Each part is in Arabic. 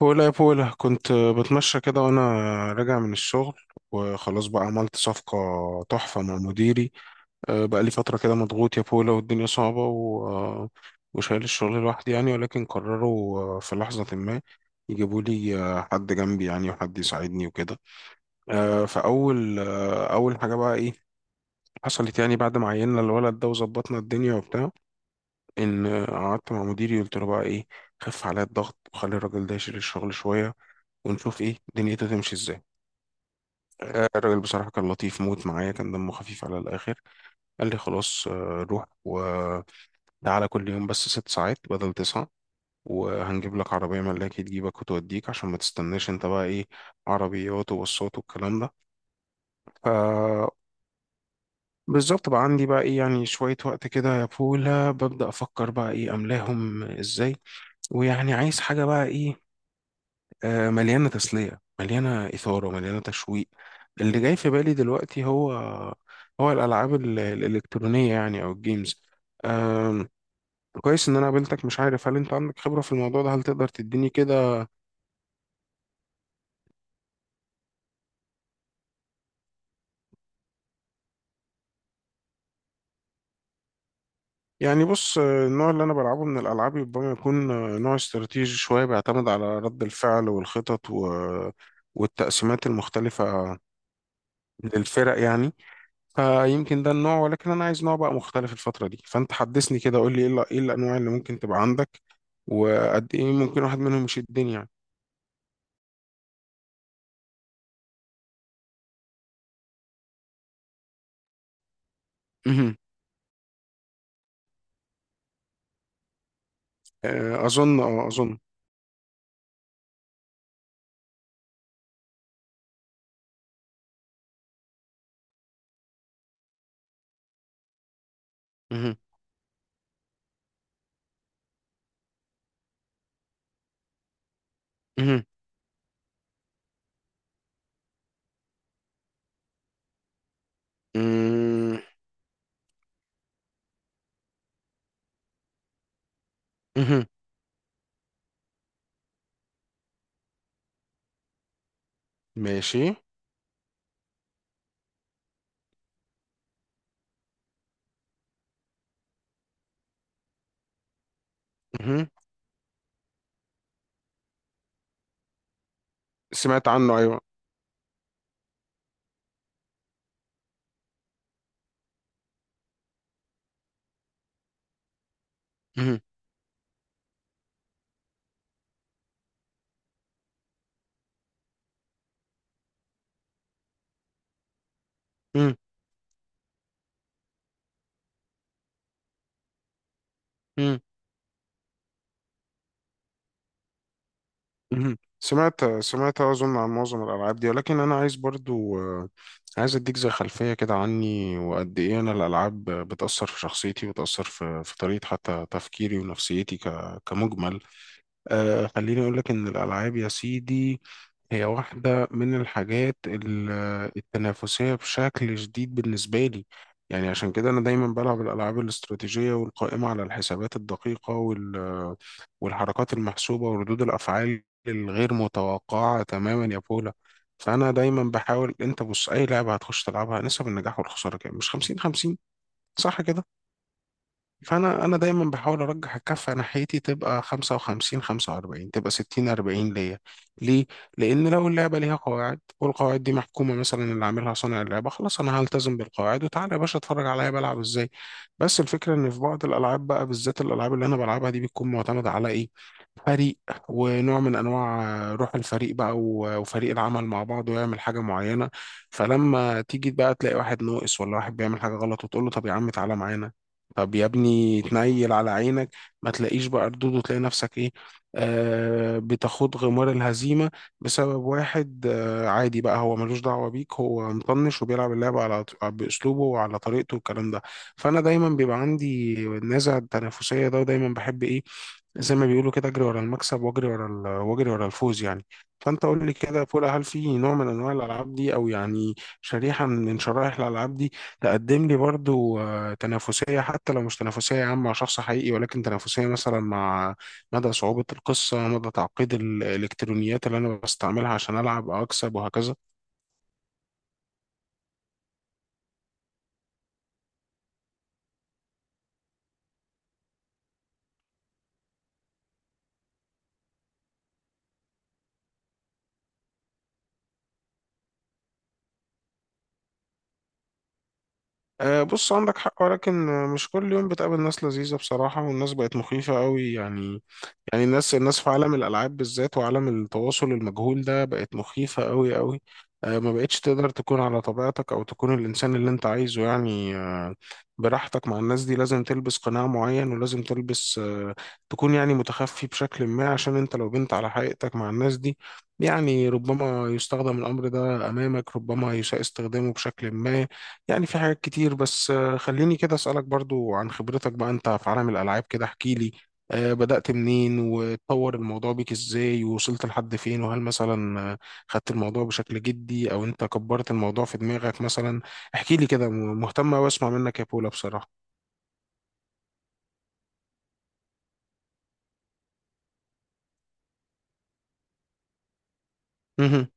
بولا يا بولا كنت بتمشى كده وانا راجع من الشغل، وخلاص بقى عملت صفقة تحفة مع مديري. بقى لي فترة كده مضغوط يا بولا، والدنيا صعبة و... أه، وشايل الشغل لوحدي يعني، ولكن قرروا في لحظة ما يجيبوا لي حد جنبي يعني، وحد يساعدني وكده. أه، فأول أه، أول حاجة بقى إيه حصلت يعني، بعد ما عيننا الولد ده وظبطنا الدنيا وبتاع، ان قعدت مع مديري قلت له بقى ايه، خف عليا الضغط وخلي الراجل ده يشيل الشغل شويه، ونشوف ايه دنيته تمشي ازاي. الراجل بصراحه كان لطيف موت معايا، كان دمه خفيف على الاخر. قال لي خلاص روح وتعالى كل يوم بس ست ساعات بدل تسعه، وهنجيب لك عربيه ملاكي تجيبك وتوديك عشان ما تستناش انت بقى ايه، عربيات وبصات والكلام ده. ف بالظبط بقى عندي بقى ايه يعني، شوية وقت كده يا بولا، ببدأ أفكر بقى ايه أملاهم ازاي، ويعني عايز حاجة بقى ايه، مليانة تسلية مليانة إثارة مليانة تشويق. اللي جاي في بالي دلوقتي هو هو الألعاب الإلكترونية يعني، أو الجيمز. آم، كويس إن أنا قابلتك، مش عارف هل أنت عندك خبرة في الموضوع ده، هل تقدر تديني كده يعني. بص النوع اللي أنا بلعبه من الألعاب ربما يكون نوع استراتيجي شوية، بيعتمد على رد الفعل والخطط والتقسيمات المختلفة للفرق يعني. فيمكن ده النوع، ولكن انا عايز نوع بقى مختلف الفتره دي، فانت حدثني كده قول لي إيه الانواع اللي ممكن تبقى عندك، وقد ايه ممكن واحد منهم يشدني يعني. مهم. آه، اظن. مهم. مهم. مم. مهم. ماشي. مهم. سمعت عنه ايوه. مهم. مهم. مهم. سمعت أظن عن معظم الألعاب دي، ولكن أنا عايز برضو عايز أديك زي خلفية كده عني، وقد إيه أنا الألعاب بتأثر في شخصيتي، وتأثر في طريقة حتى تفكيري ونفسيتي كمجمل. آه خليني أقول لك إن الألعاب يا سيدي هي واحدة من الحاجات التنافسية بشكل شديد بالنسبة لي. يعني عشان كده أنا دايما بلعب الألعاب الاستراتيجية والقائمة على الحسابات الدقيقة والحركات المحسوبة وردود الأفعال الغير متوقعة تماما يا بولا. فأنا دايما بحاول، أنت بص أي لعبة هتخش تلعبها نسب النجاح والخسارة كام؟ مش 50-50، صح كده؟ فانا دايما بحاول ارجح الكفه ناحيتي، تبقى 55-45، تبقى 60-40 ليا. ليه؟ لان لو اللعبه ليها قواعد، والقواعد دي محكومه مثلا اللي عاملها صانع اللعبه، خلاص انا هلتزم بالقواعد، وتعالى يا باشا اتفرج عليا بلعب ازاي. بس الفكره ان في بعض الالعاب بقى، بالذات الالعاب اللي انا بلعبها دي، بتكون معتمده على ايه، فريق. ونوع من انواع روح الفريق بقى وفريق العمل مع بعض، ويعمل حاجه معينه. فلما تيجي بقى تلاقي واحد ناقص، ولا واحد بيعمل حاجه غلط، وتقول له طب يا عم تعالى معانا، طب يا ابني تنيل على عينك، ما تلاقيش بقى ردود، وتلاقي نفسك ايه، آه بتاخد غمار الهزيمة بسبب واحد آه عادي بقى، هو ملوش دعوة بيك، هو مطنش وبيلعب اللعبة على بأسلوبه وعلى طريقته والكلام ده. فأنا دايما بيبقى عندي النزعة التنافسية ده، ودايما بحب ايه، زي ما بيقولوا كده، اجري ورا المكسب، واجري ورا الفوز يعني. فانت قول لي كده يا فولا، هل في نوع من انواع الالعاب دي، او يعني شريحه من شرائح الالعاب دي، تقدم لي برضو تنافسية، حتى لو مش تنافسية عامة مع شخص حقيقي، ولكن تنافسية مثلا مع مدى صعوبة القصة، مدى تعقيد الإلكترونيات اللي أنا بستعملها عشان ألعب أو أكسب وهكذا. بص عندك حق، ولكن مش كل يوم بتقابل ناس لذيذة بصراحة، والناس بقت مخيفة قوي يعني. يعني الناس في عالم الألعاب بالذات، وعالم التواصل المجهول ده، بقت مخيفة قوي قوي. ما بقتش تقدر تكون على طبيعتك، أو تكون الإنسان اللي أنت عايزه يعني، براحتك مع الناس دي. لازم تلبس قناع معين، ولازم تلبس تكون يعني متخفي بشكل ما، عشان أنت لو بنت على حقيقتك مع الناس دي، يعني ربما يستخدم الأمر ده أمامك، ربما يساء استخدامه بشكل ما. يعني في حاجات كتير، بس خليني كده أسألك برضو عن خبرتك بقى أنت في عالم الألعاب كده، احكيلي بدأت منين، وتطور الموضوع بيك ازاي، ووصلت لحد فين، وهل مثلا خدت الموضوع بشكل جدي، او انت كبرت الموضوع في دماغك مثلا. احكي لي كده مهتم واسمع منك يا بولا بصراحة. مهم.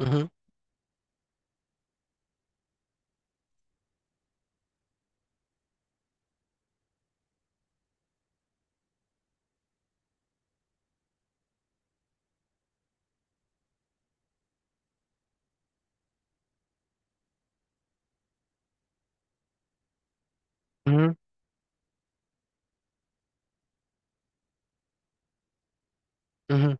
مهم. مهم. مهم.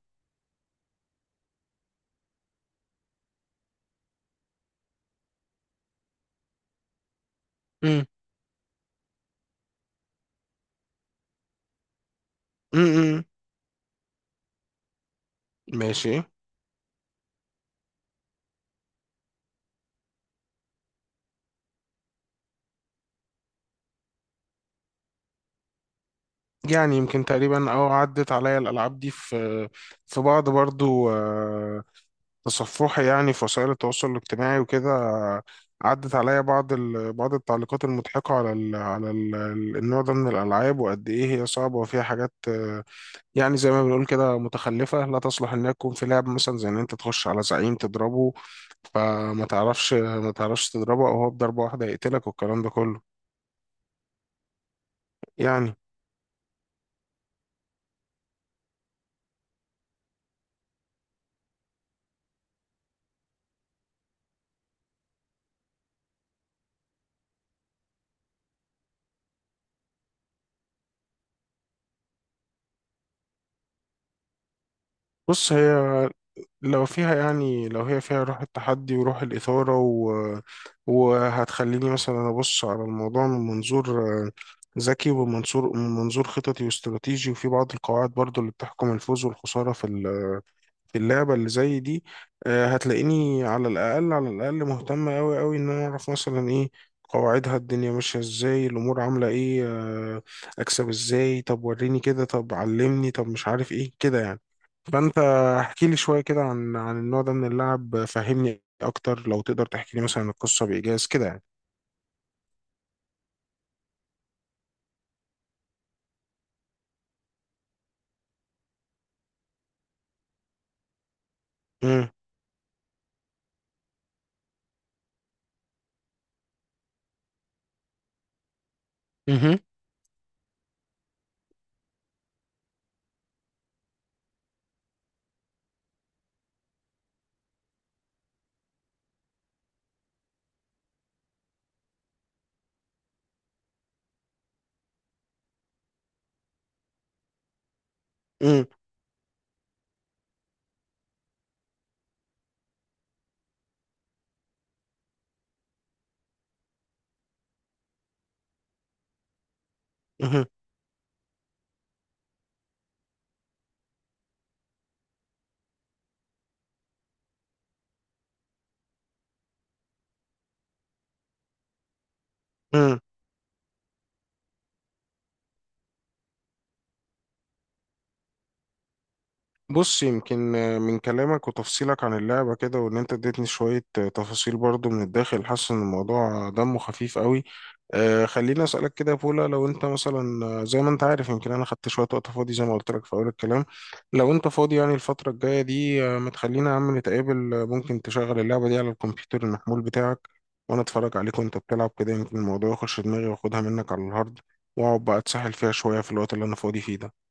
مم. مم. ماشي. يعني يمكن تقريبا اه عدت عليا الالعاب دي، في في بعض برضو تصفحي يعني في وسائل التواصل الاجتماعي وكده. عدت عليا بعض بعض التعليقات المضحكة على النوع ده من الألعاب، وقد إيه هي صعبة وفيها حاجات يعني زي ما بنقول كده متخلفة، لا تصلح إنها تكون في لعب، مثلا زي إن أنت تخش على زعيم تضربه، فما تعرفش ما تعرفش تضربه، أو هو بضربة واحدة يقتلك والكلام ده كله يعني. بص هي، لو هي فيها روح التحدي وروح الإثارة وهتخليني مثلا أبص على الموضوع من منظور ذكي، ومن منظور خططي واستراتيجي، وفي بعض القواعد برضو اللي بتحكم الفوز والخسارة في في اللعبة اللي زي دي، هتلاقيني على الأقل على الأقل مهتم أوي أوي إن أنا أعرف مثلا إيه قواعدها، الدنيا ماشية إزاي، الأمور عاملة إيه، آه، أكسب إزاي، طب وريني كده، طب علمني، طب مش عارف إيه كده يعني. فأنت احكي لي شوية كده عن النوع ده من اللعب، فهمني أكتر لو تقدر تحكي لي مثلا القصة بإيجاز كده يعني. مم. مهم. مم. مهم. بص يمكن من كلامك وتفصيلك عن اللعبة كده، وإن أنت اديتني شوية تفاصيل برضو من الداخل، حاسس إن الموضوع دمه خفيف قوي. آه خليني أسألك كده يا بولا، لو أنت مثلا زي ما أنت عارف يمكن أنا خدت شوية وقت فاضي زي ما قلت لك في أول الكلام. لو أنت فاضي يعني الفترة الجاية دي ما تخلينا يا عم نتقابل، ممكن تشغل اللعبة دي على الكمبيوتر المحمول بتاعك، وأنا أتفرج عليك وأنت بتلعب كده، يمكن الموضوع يخش دماغي، وأخدها منك على الهارد، وأقعد بقى أتسحل فيها شوية في الوقت اللي أنا فاضي فيه ده.